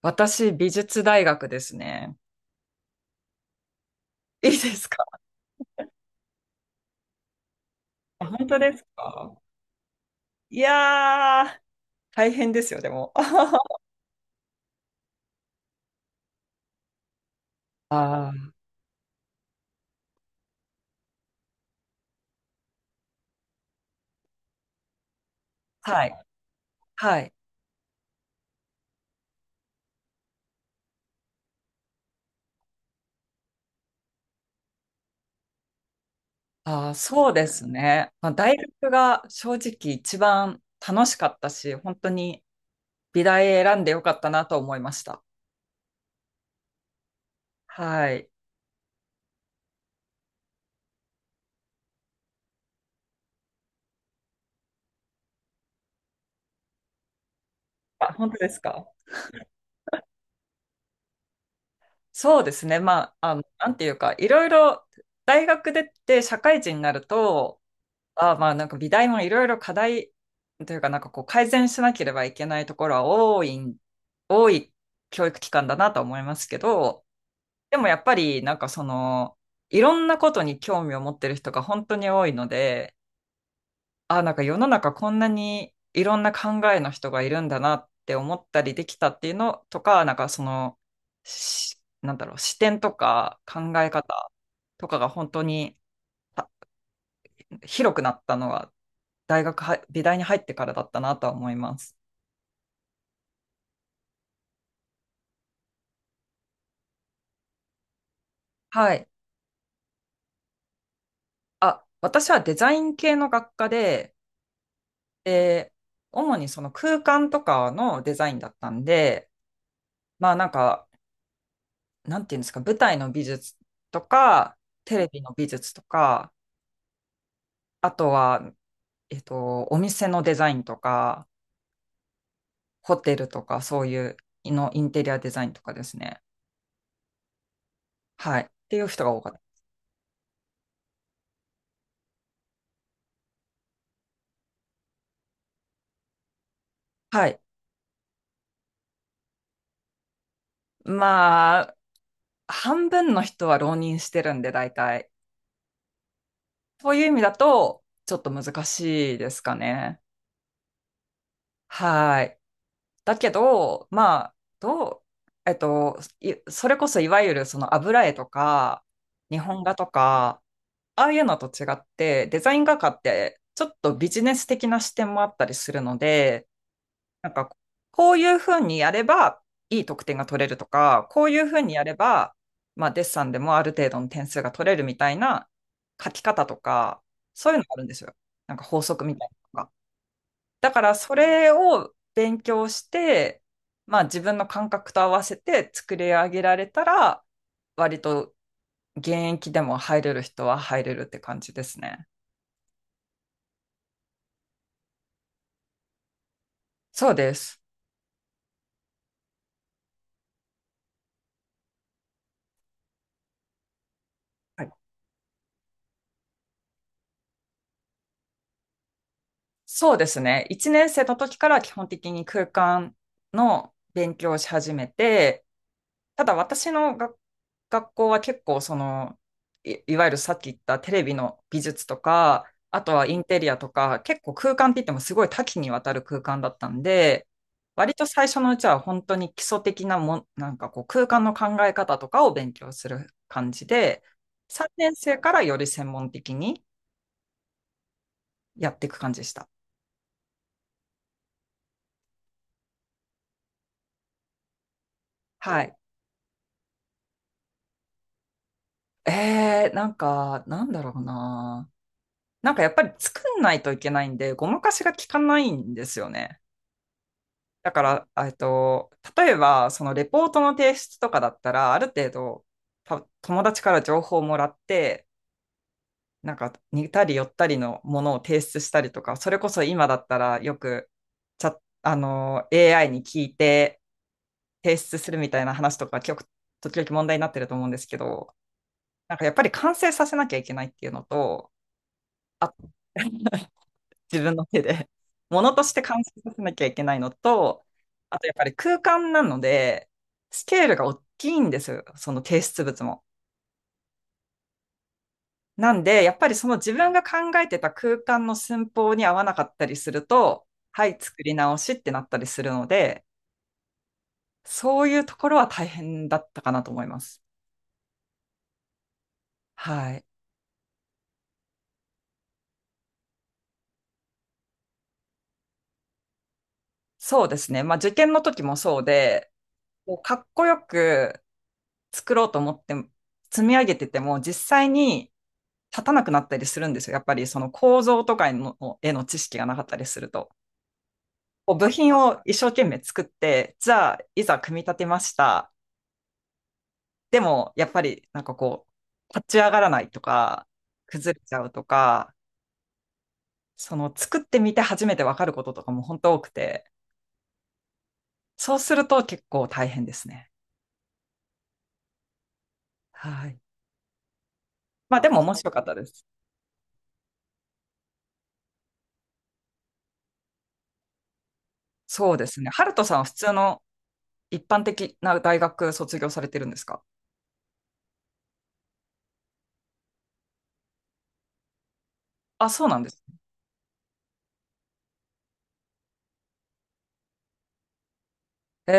私、美術大学ですね。いいですか？あ、本当ですか？いやー、大変ですよ、でも。あー。はい。はい。あー、そうですね。まあ、大学が正直一番楽しかったし、本当に美大選んでよかったなと思いました。はい。あ、本当ですか？そうですね。まあ、あの、なんていうか、いろいろ大学出て社会人になると、あ、まあなんか美大もいろいろ課題というかなんかこう改善しなければいけないところは多い教育機関だなと思いますけど、でもやっぱりなんかその、いろんなことに興味を持ってる人が本当に多いので、あ、なんか世の中こんなにいろんな考えの人がいるんだなって思ったりできたっていうのとか、なんかその、なんだろう、視点とか考え方とかが本当にあ広くなったのは大学は、美大に入ってからだったなとは思います。はい。あ、私はデザイン系の学科で、主にその空間とかのデザインだったんで、まあなんか、なんていうんですか、舞台の美術とか、テレビの美術とか、あとは、お店のデザインとか、ホテルとか、そういうのインテリアデザインとかですね。はい。っていう人が多かった。はい。まあ、半分の人は浪人してるんで、大体。そういう意味だと、ちょっと難しいですかね。はい。だけど、まあ、それこそいわゆるその油絵とか、日本画とか、ああいうのと違って、デザイン画家ってちょっとビジネス的な視点もあったりするので、なんか、こういうふうにやればいい得点が取れるとか、こういうふうにやれば、まあ、デッサンでもある程度の点数が取れるみたいな書き方とか、そういうのがあるんですよ。なんか法則みたいなのが。だから、それを勉強して、まあ、自分の感覚と合わせて作り上げられたら、割と現役でも入れる人は入れるって感じですね。そうです。はい。そうですね。1年生の時から基本的に空間の勉強をし始めて、ただ私のが学校は結構その、いわゆるさっき言ったテレビの美術とか、あとはインテリアとか、結構空間って言ってもすごい多岐にわたる空間だったんで、割と最初のうちは本当に基礎的なもん、なんかこう空間の考え方とかを勉強する感じで、3年生からより専門的にやっていく感じでした。はい。なんか、なんだろうな。なんかやっぱり作んないといけないんで、ごまかしが効かないんですよね。だから、例えば、そのレポートの提出とかだったら、ある程度、友達から情報をもらって、なんか似たり寄ったりのものを提出したりとか、それこそ今だったらよく、チャッあの、AI に聞いて提出するみたいな話とか、時々問題になってると思うんですけど、なんかやっぱり完成させなきゃいけないっていうのと、あ 自分の手で。物として完成させなきゃいけないのと、あとやっぱり空間なので、スケールが大きいんですよ、その提出物も。なんで、やっぱりその自分が考えてた空間の寸法に合わなかったりすると、はい、作り直しってなったりするので、そういうところは大変だったかなと思います。はい。そうですね。まあ受験の時もそうで、こうかっこよく作ろうと思って積み上げてても、実際に立たなくなったりするんですよ。やっぱりその構造とかの絵の知識がなかったりすると。部品を一生懸命作って、じゃあいざ組み立てました。でもやっぱりなんかこう、立ち上がらないとか、崩れちゃうとか、その作ってみて初めてわかることとかも本当多くて、そうすると結構大変ですね。はい。まあでも面白かったです。そうですね。ハルトさんは普通の一般的な大学卒業されてるんですか？あ、そうなんです。え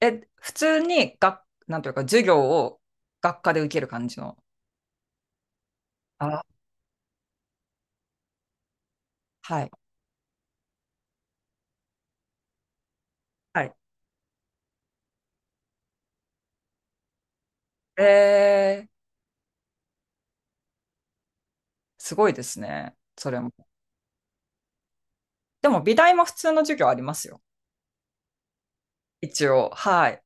え、普通になんというか、授業を学科で受ける感じの。あ、はい。はい。えー、すごいですね。それも。でも、美大も普通の授業ありますよ。一応。はい。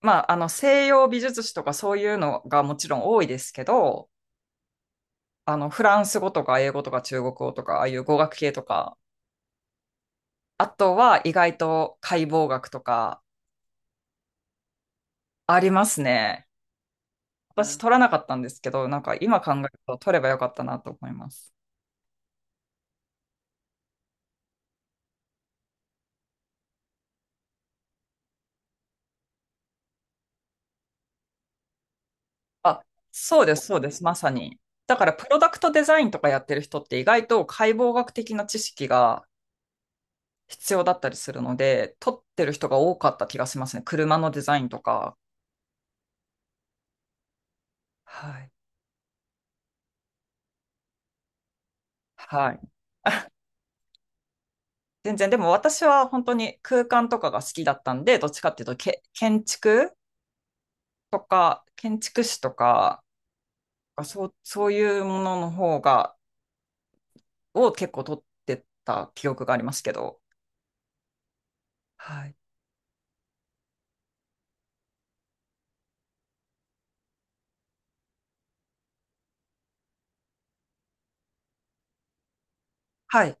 まあ、あの、西洋美術史とかそういうのがもちろん多いですけど、あの、フランス語とか英語とか中国語とか、ああいう語学系とか、あとは意外と解剖学とかありますね。私取らなかったんですけど、なんか今考えると取ればよかったなと思います。あ、そうです、そうです、まさに。だから、プロダクトデザインとかやってる人って意外と解剖学的な知識が必要だったりするので、取ってる人が多かった気がしますね。車のデザインとか。はい。はい。全然、でも私は本当に空間とかが好きだったんで、どっちかっていうと、建築とか、建築士とか、そういうものの方が、を結構取ってた記憶がありますけど。はい。はい。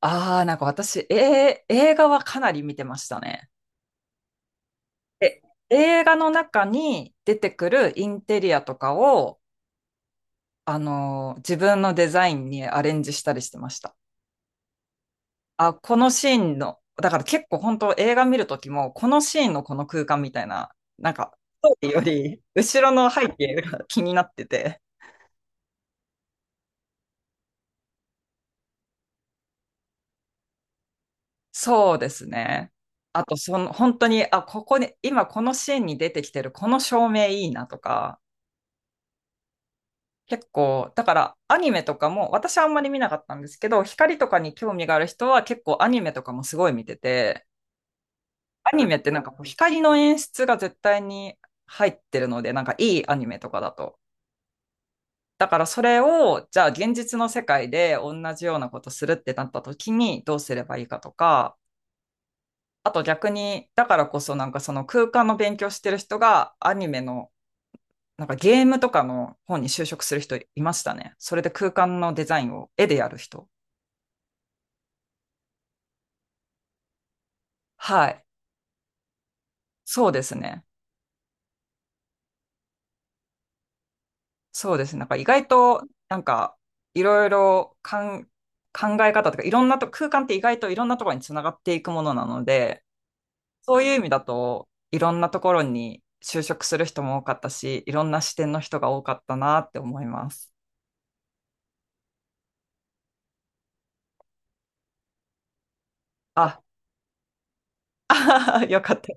ああ、なんか私、映画はかなり見てましたね。で映画の中に出てくるインテリアとかを、自分のデザインにアレンジしたりしてました。あ、このシーンの、だから結構本当映画見るときも、このシーンのこの空間みたいな、なんか、ストーリーより、後ろの背景が気になってて。そうですね。あと、その、本当に、あ、ここに、今このシーンに出てきてる、この照明いいなとか、結構、だからアニメとかも、私はあんまり見なかったんですけど、光とかに興味がある人は結構アニメとかもすごい見てて、アニメってなんかこう光の演出が絶対に入ってるので、なんかいいアニメとかだと。だからそれを、じゃあ現実の世界で同じようなことするってなった時にどうすればいいかとか、あと逆に、だからこそなんかその空間の勉強してる人がアニメのなんかゲームとかの方に就職する人いましたね。それで空間のデザインを絵でやる人。はい。そうですね。そうですね。なんか意外と、なんか、いろいろ考え方とか、いろんなと、空間って意外といろんなところにつながっていくものなので、そういう意味だと、いろんなところに就職する人も多かったし、いろんな視点の人が多かったなって思います。あ、よかった。